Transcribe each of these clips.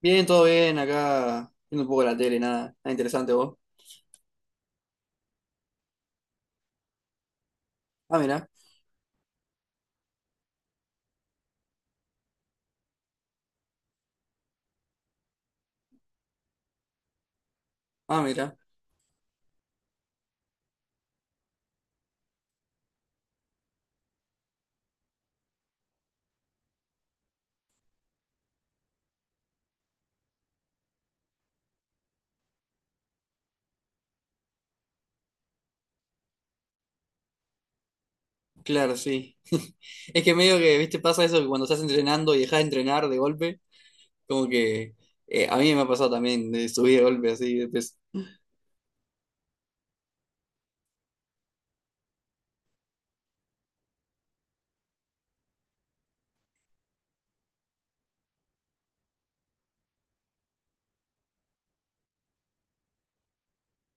Bien, todo bien, acá viendo un poco la tele, nada, nada interesante, vos. Ah, mira. Ah, mira. Claro, sí. Es que medio que, viste, pasa eso que cuando estás entrenando y dejas de entrenar de golpe, como que a mí me ha pasado también de subir de golpe así, de peso.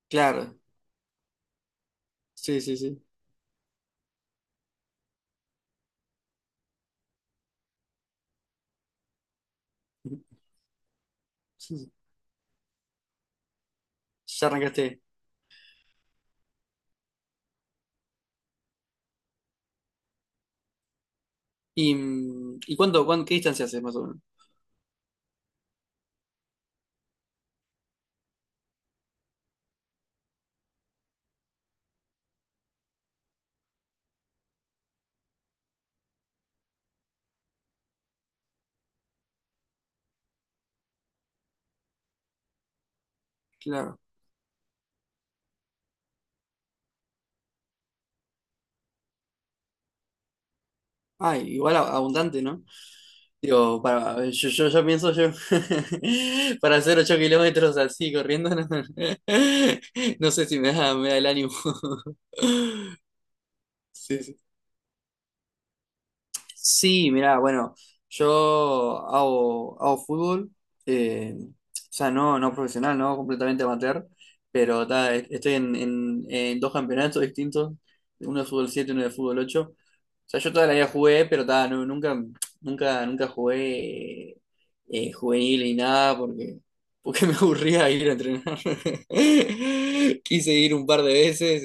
Claro, sí, sí, sí. Sí, sí. Ya arrancaste. ¿Y cuánto, qué distancia haces más o menos? Claro. Ah, igual, abundante, ¿no? Digo, para, yo pienso yo, para hacer 8 kilómetros así, corriendo, no, no sé si me da el ánimo. Sí. Sí, mirá, bueno, yo hago fútbol, o sea, no, no profesional, no completamente amateur, pero ta, estoy en, en dos campeonatos distintos, uno de fútbol 7 y uno de fútbol 8. O sea, yo toda la vida jugué, pero ta, nunca, nunca, nunca jugué juvenil ni nada, porque, porque me aburría ir a entrenar. Quise ir un par de veces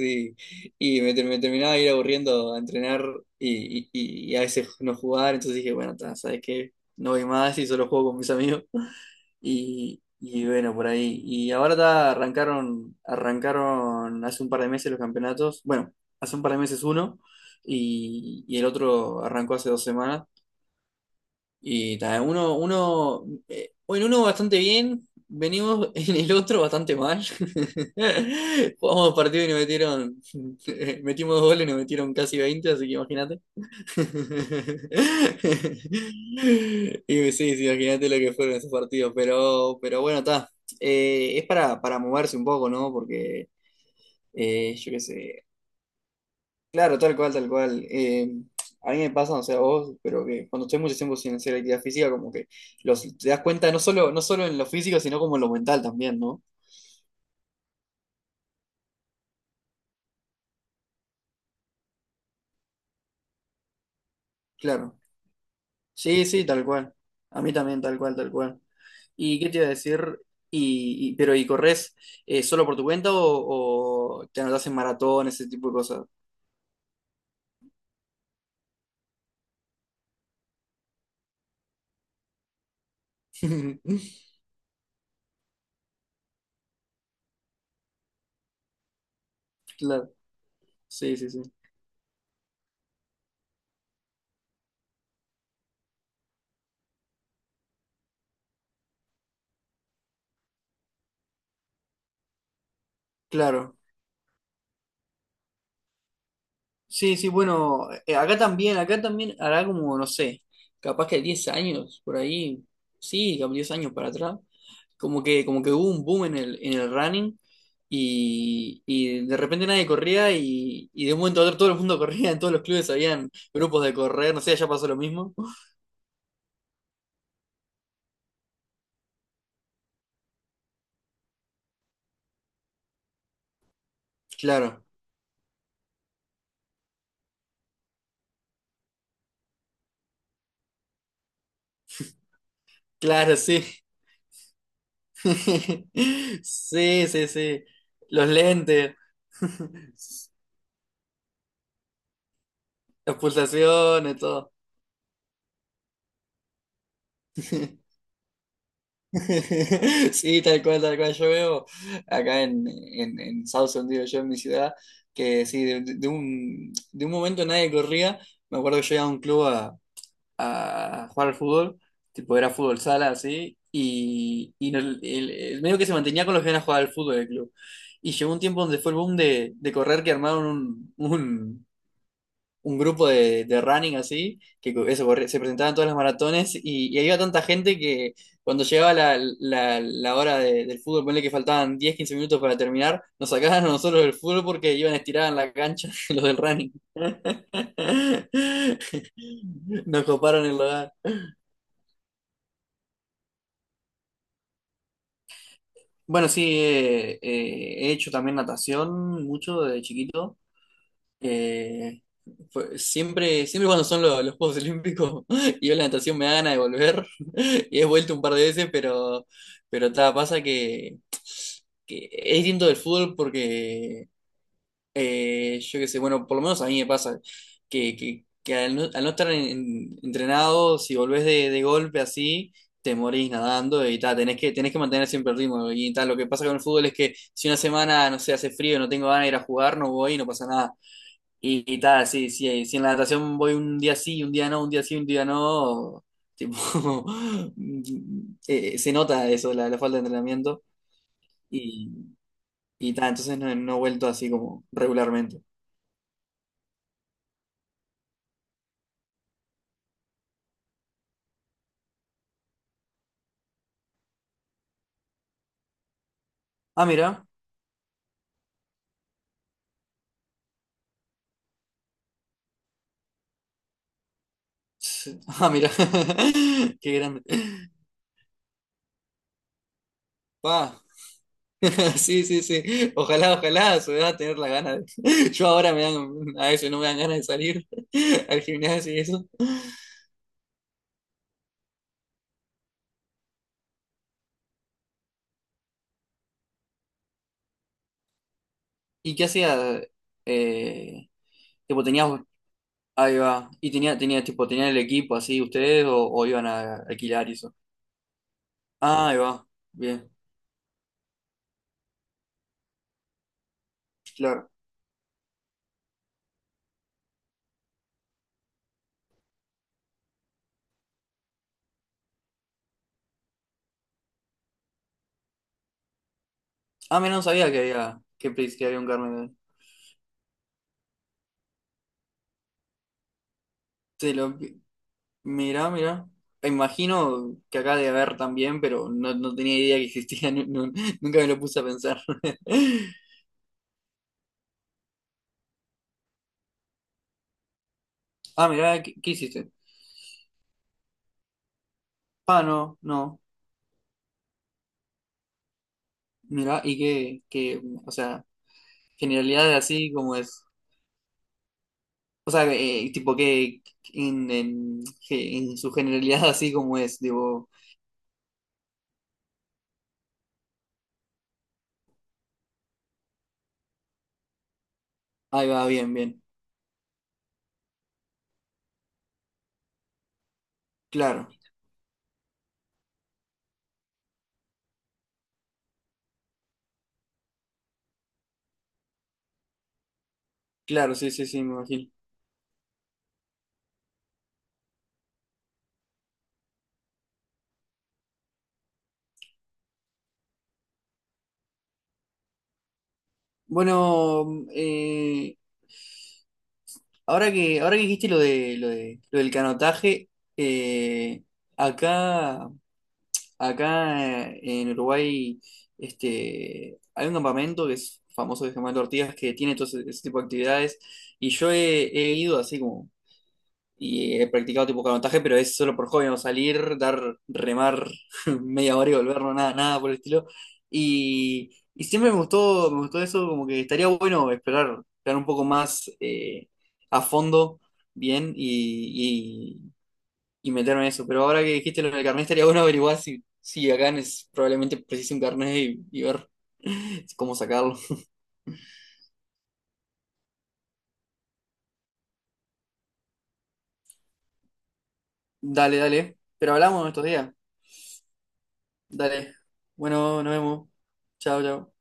y me terminaba de ir aburriendo a entrenar y, y a veces no jugar, entonces dije, bueno, ta, ¿sabes qué? No voy más y solo juego con mis amigos. Y bueno, por ahí. Y ahora ta, arrancaron hace un par de meses los campeonatos. Bueno, hace un par de meses uno, y el otro arrancó hace 2 semanas. Y ta, en uno bastante bien, venimos, en el otro bastante mal. Jugamos partido y nos metieron, metimos 2 goles y nos metieron casi 20, así que imagínate. Y sí, sí, imagínate lo que fueron esos partidos, pero bueno, está. Es para moverse un poco, ¿no? Porque yo qué sé. Claro, tal cual, tal cual. A mí me pasa, no sé a vos, pero que cuando estoy mucho tiempo sin hacer actividad física, como que te das cuenta no solo, no solo en lo físico, sino como en lo mental también, ¿no? Claro. Sí, sí, tal cual. A mí también, tal cual, tal cual. ¿Y qué te iba a decir? Pero ¿y corres solo por tu cuenta o te anotás en maratón, ese tipo de cosas? Claro, sí, sí, sí. Claro. Sí, sí, bueno, acá también hará como, no sé, capaz que 10 años, por ahí, sí, capaz 10 años para atrás, como que hubo un boom en el running, y de repente nadie corría, y de un momento a otro todo el mundo corría, en todos los clubes habían grupos de correr, no sé, allá pasó lo mismo. Claro, claro, sí. Sí, sí, sí. Los lentes, las pulsaciones, todo. Sí, tal cual, tal cual. Yo veo acá en, en Southend, digo yo, en mi ciudad, que sí, de, de un momento nadie corría. Me acuerdo que yo iba a un club a jugar al fútbol, tipo era fútbol sala, así, y el medio que se mantenía con los que iban a jugar al fútbol del club. Y llegó un tiempo donde fue el boom de correr, que armaron un, un grupo de running así, que eso, se presentaban todas las maratones, y había tanta gente que cuando llegaba la, la hora del fútbol, ponle que faltaban 10, 15 minutos para terminar, nos sacaban a nosotros del fútbol porque iban estirados en la cancha los del running. Nos coparon el lugar. Bueno, sí, he hecho también natación mucho de chiquito. Eh, Siempre, cuando son los Juegos Olímpicos, y yo la natación me da ganas de volver, y he vuelto un par de veces, pero ta, pasa que es distinto del fútbol porque yo qué sé, bueno, por lo menos a mí me pasa que al no estar entrenado, si volvés de golpe así, te morís nadando, y ta, tenés que mantener siempre el ritmo y tal, lo que pasa con el fútbol es que si una semana, no sé, hace frío, no tengo ganas de ir a jugar, no voy y no pasa nada, y, y tal, si, si en la natación voy un día sí, un día no, un día sí, un día no, tipo, se nota eso, la falta de entrenamiento. Y, y tal, entonces no, no he vuelto así como regularmente. Ah, mira. Ah, mira. Qué grande. Pa. Sí, sí, sí. Ojalá, ojalá se va a su edad tener la gana Yo ahora a veces no me dan ganas de salir al gimnasio y eso. ¿Y qué hacía? Eh, tipo, tenías. Ahí va. ¿Y tenía tipo, tenían el equipo así ustedes o iban a alquilar y eso? Ah, ahí va. Bien, claro. Ah, mira, no sabía que había, que había un carnet. Te lo, mira, mira. Imagino que acá debe haber también, pero no, no tenía idea que existía, nunca me lo puse a pensar. Ah, mira, ¿qué hiciste? Ah, no, no. Mira, y qué, o sea, generalidades así, como es. O sea, tipo que que en su generalidad así, como es, digo, ahí va, bien, bien. Claro, claro, sí, sí, sí, me imagino. Bueno, ahora que dijiste lo de, lo del canotaje, eh, acá, acá en Uruguay, este, hay un campamento que es famoso, de Germán Ortigas, que tiene todo ese, ese tipo de actividades, y yo he, he ido así como. Y he practicado tipo canotaje, pero es solo por hobby, no salir, dar, remar media hora y volver, no, nada, nada por el estilo. Y siempre me gustó eso, como que estaría bueno esperar, esperar un poco más, a fondo, bien, y, y meterme en eso. Pero ahora que dijiste lo del carnet, estaría bueno averiguar si, si acá es, probablemente precise un carnet, y ver cómo sacarlo. Dale, dale. Pero hablamos estos días. Dale. Bueno, nos vemos. Chao, chao.